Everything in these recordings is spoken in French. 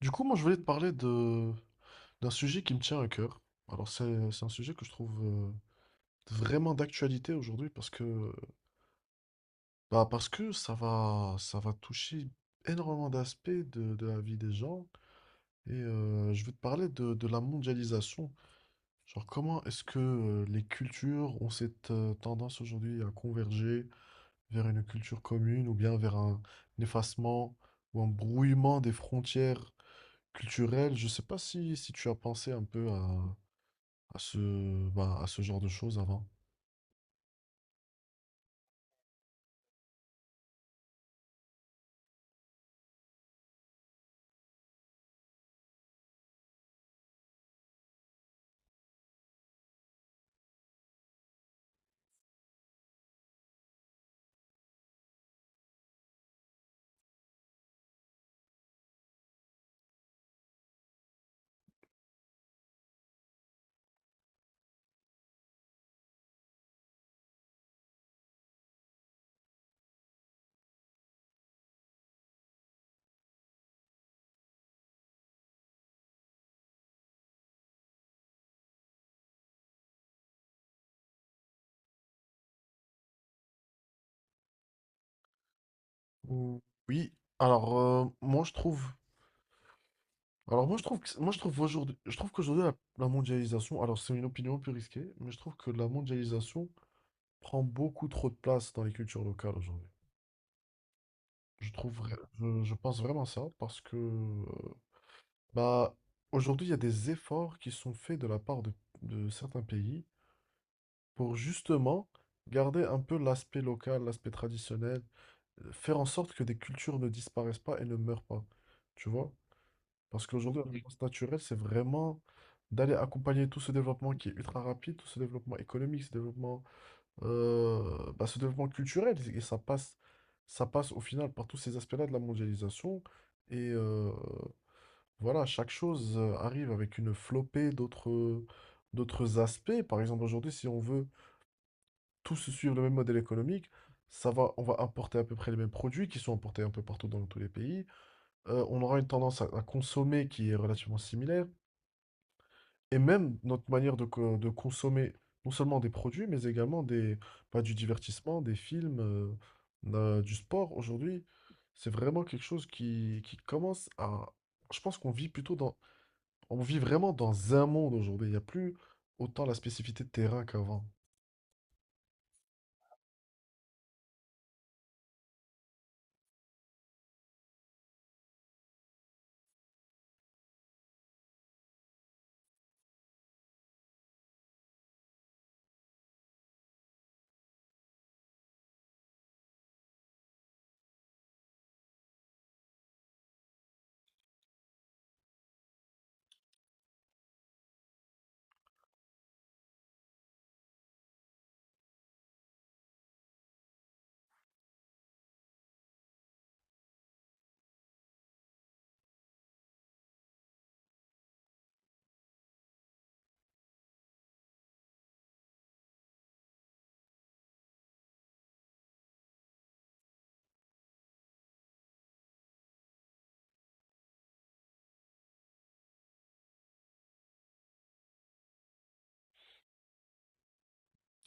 Du coup, moi, je voulais te parler de d'un sujet qui me tient à cœur. Alors, c'est un sujet que je trouve vraiment d'actualité aujourd'hui parce que bah, parce que ça va toucher énormément d'aspects de la vie des gens et je vais te parler de la mondialisation. Genre, comment est-ce que les cultures ont cette tendance aujourd'hui à converger vers une culture commune ou bien vers un effacement ou un brouillement des frontières culturelles? Je sais pas si tu as pensé un peu à ce, bah, à ce genre de choses avant. Ou- Oui, alors moi je trouve, alors moi je trouve que, moi je trouve aujourd'hui, je trouve qu'aujourd'hui la mondialisation, alors c'est une opinion plus risquée, mais je trouve que la mondialisation prend beaucoup trop de place dans les cultures locales aujourd'hui. Je trouve, je pense vraiment ça parce que bah aujourd'hui il y a des efforts qui sont faits de la part de certains pays pour justement garder un peu l'aspect local, l'aspect traditionnel. Faire en sorte que des cultures ne disparaissent pas et ne meurent pas. Tu vois? Parce qu'aujourd'hui, la Oui. réponse naturelle, c'est vraiment d'aller accompagner tout ce développement qui est ultra rapide, tout ce développement économique, ce développement, bah, ce développement culturel. Et ça passe au final par tous ces aspects-là de la mondialisation. Et voilà, chaque chose arrive avec une flopée d'autres, d'autres aspects. Par exemple, aujourd'hui, si on veut tous suivent le même modèle économique, ça va, on va importer à peu près les mêmes produits qui sont importés un peu partout dans tous les pays. On aura une tendance à consommer qui est relativement similaire. Et même notre manière de consommer non seulement des produits, mais également des, bah, du divertissement, des films, du sport aujourd'hui, c'est vraiment quelque chose qui commence à... Je pense qu'on vit plutôt dans... On vit vraiment dans un monde aujourd'hui. Il n'y a plus autant la spécificité de terrain qu'avant.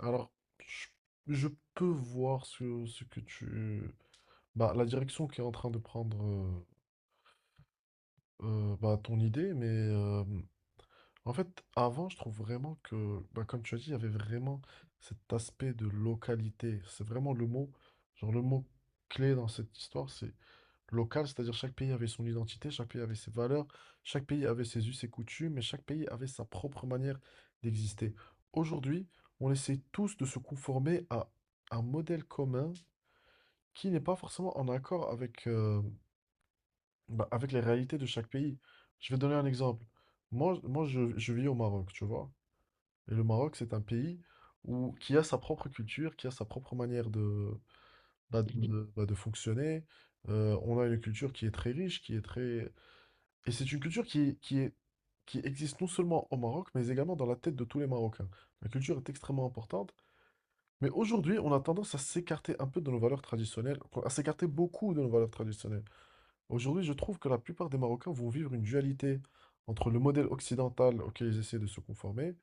Alors, je, je peux voir ce, ce que tu... Bah, la direction qui est en train de prendre bah, ton idée, mais en fait, avant, je trouve vraiment que, bah, comme tu as dit, il y avait vraiment cet aspect de localité. C'est vraiment le mot, genre le mot clé dans cette histoire, c'est local, c'est-à-dire chaque pays avait son identité, chaque pays avait ses valeurs, chaque pays avait ses us et coutumes, et chaque pays avait sa propre manière d'exister. Aujourd'hui, on essaie tous de se conformer à un modèle commun qui n'est pas forcément en accord avec, bah, avec les réalités de chaque pays. Je vais donner un exemple. Moi, je vis au Maroc, tu vois. Et le Maroc, c'est un pays où, qui a sa propre culture, qui a sa propre manière bah, bah, de fonctionner. On a une culture qui est très riche, qui est très, et c'est une culture qui est, qui existe non seulement au Maroc, mais également dans la tête de tous les Marocains. La culture est extrêmement importante, mais aujourd'hui, on a tendance à s'écarter un peu de nos valeurs traditionnelles, enfin, à s'écarter beaucoup de nos valeurs traditionnelles. Aujourd'hui, je trouve que la plupart des Marocains vont vivre une dualité entre le modèle occidental auquel ils essaient de se conformer,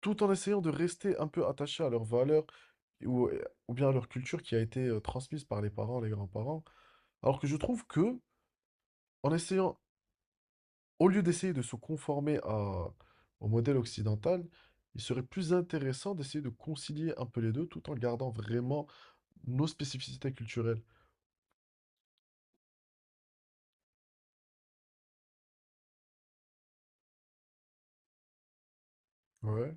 tout en essayant de rester un peu attachés à leurs valeurs ou, ou bien à leur culture qui a été transmise par les parents, les grands-parents. Alors que je trouve que, en essayant au lieu d'essayer de se conformer à- au modèle occidental, il serait plus intéressant d'essayer de concilier un peu les deux tout en gardant vraiment nos spécificités culturelles. Ouais.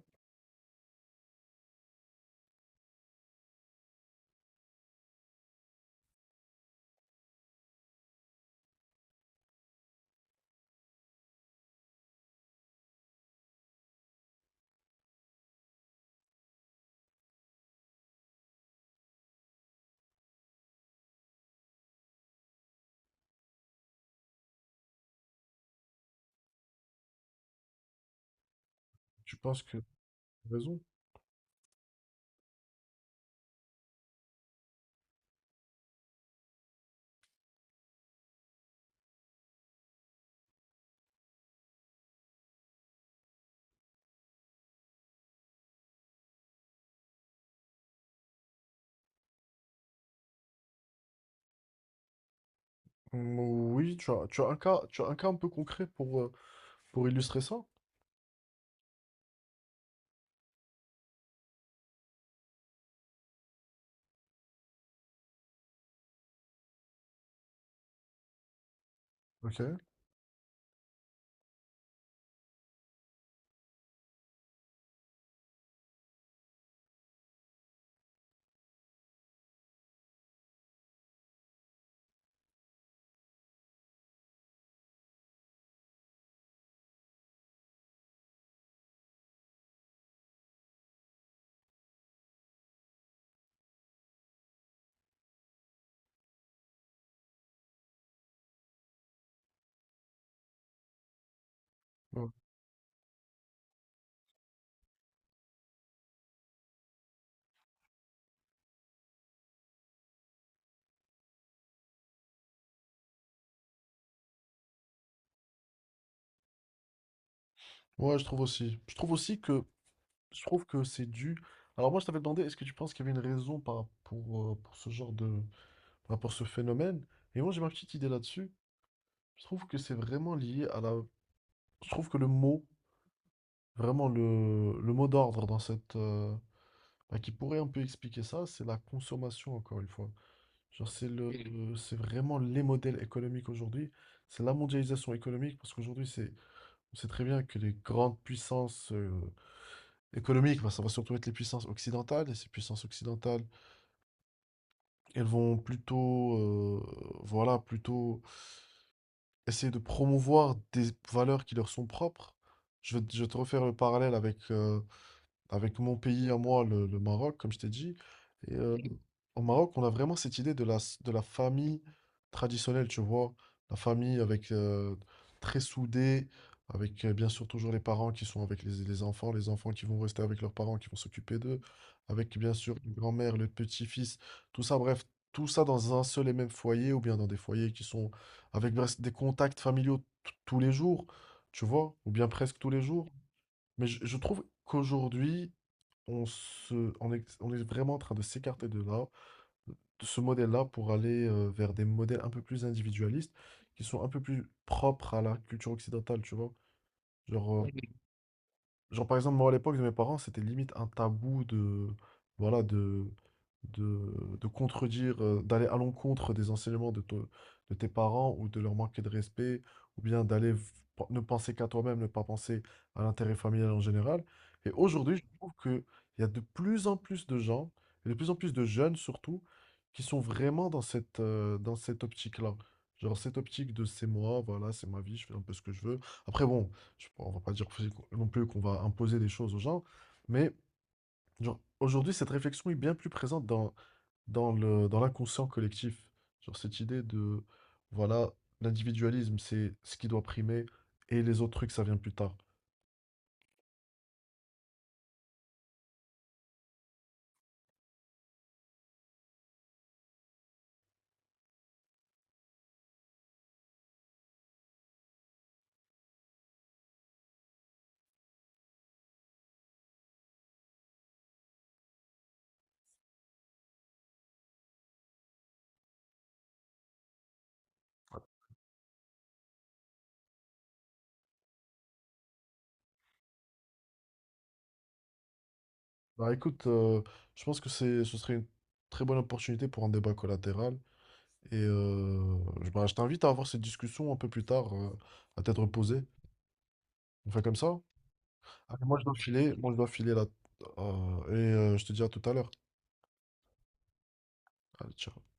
Tu penses que tu as raison? Mm, oui, tu as un cas, tu as un cas un peu concret pour illustrer ça? Ok. Ouais, ouais, je trouve aussi. Je trouve aussi que je trouve que c'est dû. Alors moi, je t'avais demandé, est-ce que tu penses qu'il y avait une raison pour ce genre de, par rapport à ce phénomène? Et moi, j'ai ma petite idée là-dessus. Je trouve que c'est vraiment lié à la, je trouve que le mot, vraiment le mot d'ordre dans cette, bah, qui pourrait un peu expliquer ça, c'est la consommation, encore une fois. Genre, c'est le, Mhm. le- c'est vraiment les modèles économiques aujourd'hui. C'est la mondialisation économique, parce qu'aujourd'hui, c'est, on sait très bien que les grandes puissances économiques, bah, ça va surtout être les puissances occidentales, et ces puissances occidentales, elles vont plutôt, voilà, plutôt essayer de promouvoir des valeurs qui leur sont propres. Je vais te refaire le parallèle avec avec mon pays à moi, le Maroc, comme je t'ai dit. Et au Maroc, on a vraiment cette idée de de la famille traditionnelle, tu vois. La famille avec très soudée, avec bien sûr toujours les parents qui sont avec les enfants qui vont rester avec leurs parents, qui vont s'occuper d'eux, avec bien sûr une grand-mère, le petit-fils, tout ça, bref, tout ça dans un seul et même foyer, ou bien dans des foyers qui sont avec bref, des contacts familiaux tous les jours, tu vois, ou bien presque tous les jours. Mais je trouve qu'aujourd'hui, on est vraiment en train de s'écarter de là, de ce modèle-là, pour aller vers des modèles un peu plus individualistes, qui sont un peu plus propres à la culture occidentale, tu vois. Genre, genre, par exemple, moi, à l'époque de mes parents, c'était limite un tabou de, voilà, de, de contredire, d'aller à l'encontre des enseignements de, de tes parents ou de leur manquer de respect, ou bien ne penser qu'à toi-même, ne pas penser à l'intérêt familial en général. Et aujourd'hui, je trouve qu'il y a de plus en plus de gens, et de plus en plus de jeunes surtout, qui sont vraiment dans cette optique-là. Genre, cette optique de c'est moi, voilà, c'est ma vie, je fais un peu ce que je veux. Après, bon on va pas dire aussi non plus qu'on va imposer des choses aux gens, mais genre, aujourd'hui, cette réflexion est bien plus présente dans le, dans l'inconscient collectif. Genre, cette idée de, voilà, l'individualisme, c'est ce qui doit primer, et les autres trucs, ça vient plus tard. Bah écoute, je pense que c'est, ce serait une très bonne opportunité pour un débat collatéral, et je bah, je t'invite à avoir cette discussion un peu plus tard, à tête reposée. On fait comme ça? Allez, moi, je dois filer là, et je te dis à tout à l'heure. Allez, ciao.